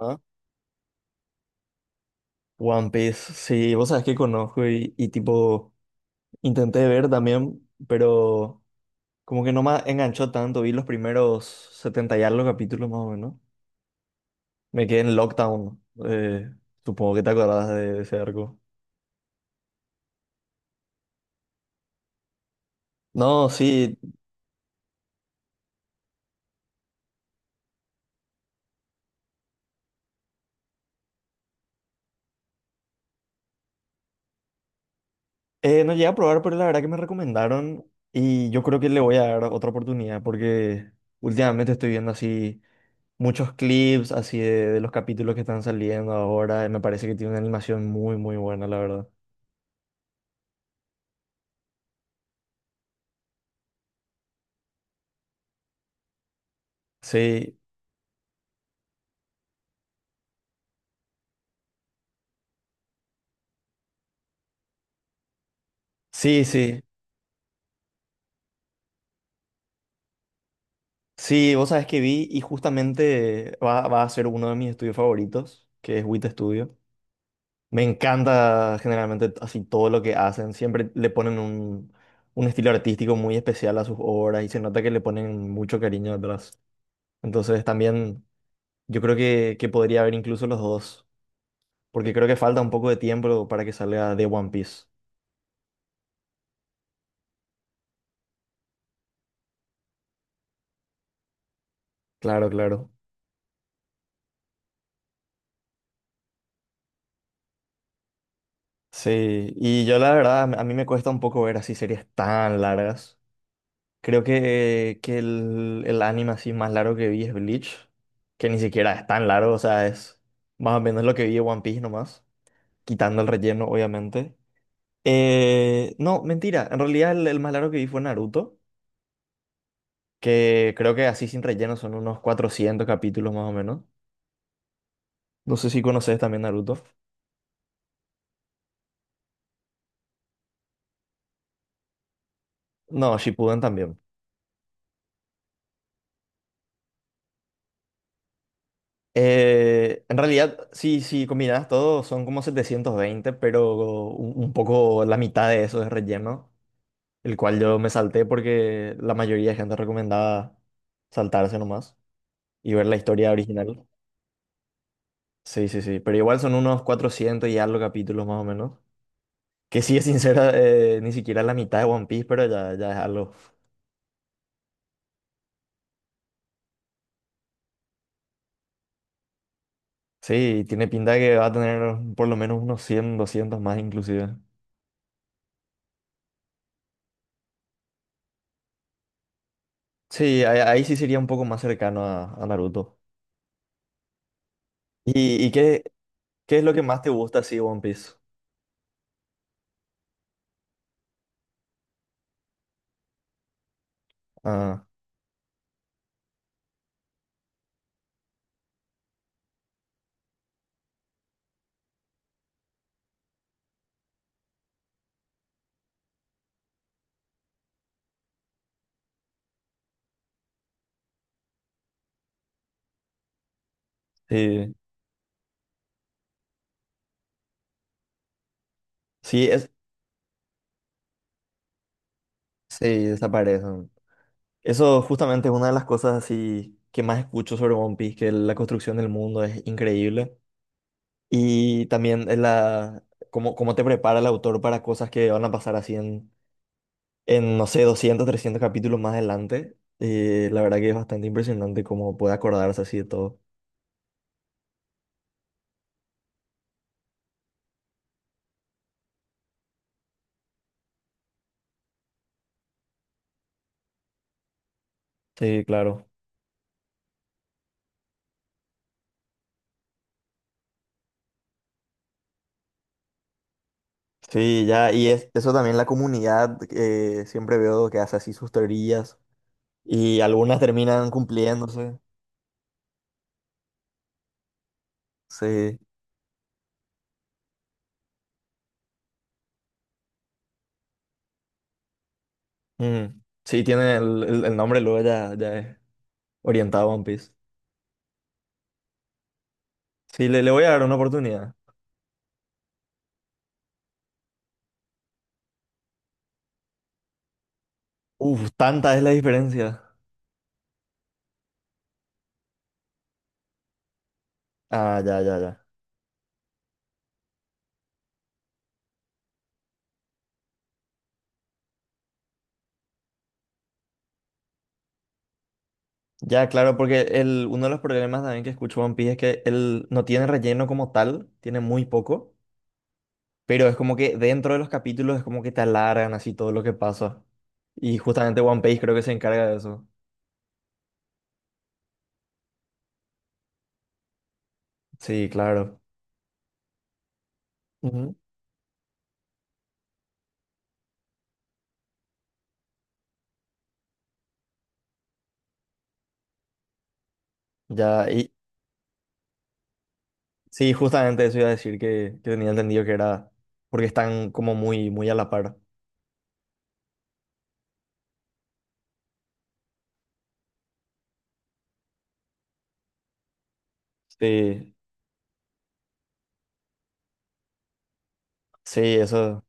Ah, One Piece, sí, vos sabés que conozco y tipo intenté ver también, pero como que no me enganchó tanto, vi los primeros 70 y algo capítulos más o menos. Me quedé en Lockdown, eh, supongo que te acordás de ese arco. No, sí, no llegué a probar, pero la verdad que me recomendaron y yo creo que le voy a dar otra oportunidad porque últimamente estoy viendo así muchos clips así de los capítulos que están saliendo ahora y me parece que tiene una animación muy, muy buena, la verdad. Sí, sí, sí. Sí, vos sabés que vi y justamente va a ser uno de mis estudios favoritos, que es WIT Studio. Me encanta generalmente así todo lo que hacen. Siempre le ponen un estilo artístico muy especial a sus obras y se nota que le ponen mucho cariño detrás. Entonces también yo creo que podría haber incluso los dos, porque creo que falta un poco de tiempo para que salga de One Piece. Claro, claro. Sí, y yo la verdad, a mí me cuesta un poco ver así series tan largas. Creo que el anime así más largo que vi es Bleach, que ni siquiera es tan largo, o sea, es más o menos lo que vi de One Piece nomás, quitando el relleno, obviamente. No, mentira, en realidad el más largo que vi fue Naruto, que creo que así sin relleno son unos 400 capítulos más o menos. No sé si conoces también Naruto. No, Shippuden también. En realidad, sí, sí, combinadas todo, son como 720 pero un poco la mitad de eso es relleno. El cual yo me salté porque la mayoría de gente recomendaba saltarse nomás y ver la historia original. Sí, sí, sí, pero igual son unos 400 y algo capítulos más o menos. Que sí, es sincera, ni siquiera la mitad de One Piece, pero ya, ya es algo. Sí, tiene pinta de que va a tener por lo menos unos 100 200 más inclusive. Sí, ahí sí sería un poco más cercano a Naruto. ¿Y qué es lo que más te gusta así de One Piece? Ah, sí, sí, es, sí, desaparece. Eso justamente es una de las cosas así que más escucho sobre One Piece, que la construcción del mundo es increíble. Y también es cómo te prepara el autor para cosas que van a pasar así en no sé, 200 300 capítulos más adelante. La verdad que es bastante impresionante cómo puede acordarse así de todo. Sí, claro. Sí, ya, y eso también la comunidad, siempre veo que hace así sus teorías y algunas terminan cumpliéndose. Sí. Mm, sí, tiene el nombre, luego ya, ya es orientado a One Piece. Sí, le voy a dar una oportunidad. Uf, tanta es la diferencia. Ah, ya, ya, ya. Ya, claro, porque uno de los problemas también que escucho One Piece es que él no tiene relleno como tal, tiene muy poco, pero es como que dentro de los capítulos es como que te alargan así todo lo que pasa. Y justamente One Piece creo que se encarga de eso. Sí, claro. Ujú. Ya, y sí, justamente eso iba a decir que tenía entendido que era porque están como muy, muy a la par. Sí, sí, eso.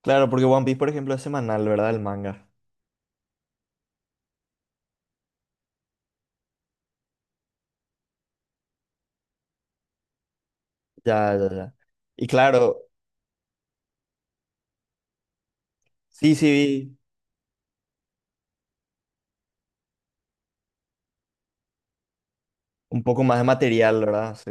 Claro, porque One Piece, por ejemplo, es semanal, ¿verdad? El manga. Ya, ya, ya. Y claro, sí, sí, vi un poco más de material, ¿verdad? Sí.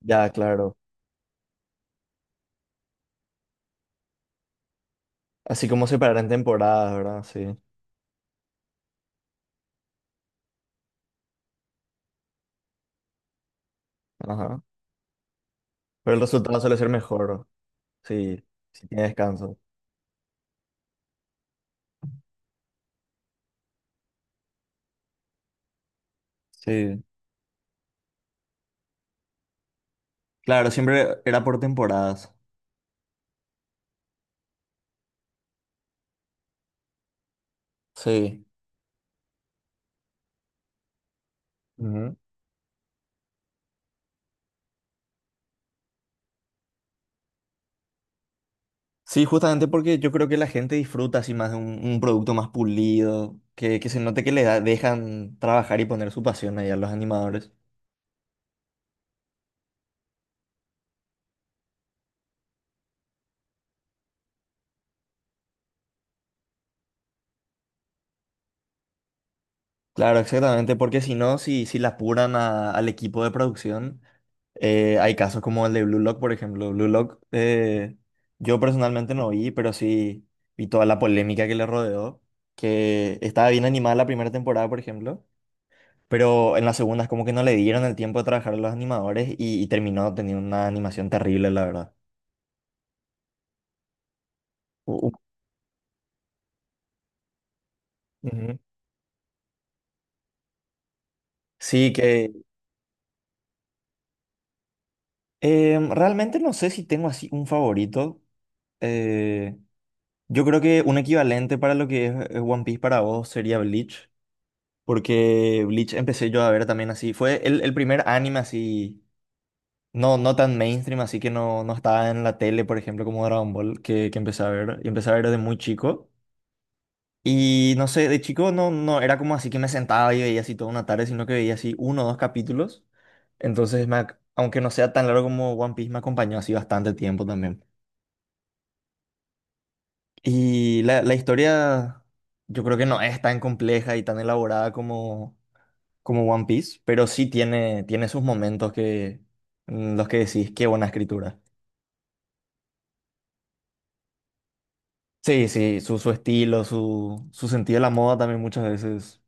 Ya, claro. Así como separar en temporadas, ¿verdad? Sí. Ajá. Pero el resultado suele ser mejor. Sí, si tiene descanso. Sí. Claro, siempre era por temporadas. Sí. Ujú. Sí, justamente porque yo creo que la gente disfruta así más de un producto más pulido, que se note que le dejan trabajar y poner su pasión ahí a los animadores. Claro, exactamente, porque si no, si la apuran al equipo de producción, hay casos como el de Blue Lock, por ejemplo. Blue Lock, yo personalmente no vi, pero sí vi toda la polémica que le rodeó, que estaba bien animada la primera temporada, por ejemplo, pero en la segunda es como que no le dieron el tiempo de trabajar a los animadores y terminó teniendo una animación terrible, la verdad. U- u- Ujú. Sí, que realmente no sé si tengo así un favorito. eh, Yo creo que un equivalente para lo que es One Piece para vos sería Bleach, porque Bleach empecé yo a ver también así. Fue el primer anime así, no, no tan mainstream, así que no, no estaba en la tele, por ejemplo, como Dragon Ball, que empecé a ver. Y empecé a ver desde muy chico. Y no sé, de chico no, no era como así que me sentaba y veía así toda una tarde, sino que veía así uno o dos capítulos. Entonces, aunque no sea tan largo como One Piece, me acompañó así bastante tiempo también. Y la historia yo creo que no es tan compleja y tan elaborada como One Piece, pero sí tiene sus momentos en los que decís, qué buena escritura. Sí, sí, su estilo, su sentido de la moda también muchas veces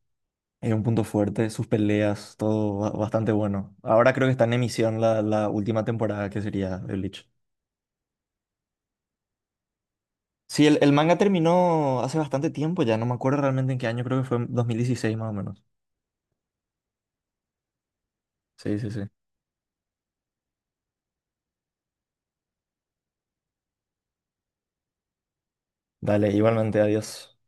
es un punto fuerte, sus peleas, todo bastante bueno. Ahora creo que está en emisión la última temporada que sería de Bleach. Sí, el manga terminó hace bastante tiempo ya, no me acuerdo realmente en qué año, creo que fue en 2016 más o menos. Sí, sí, sí. Dale, igualmente, adiós.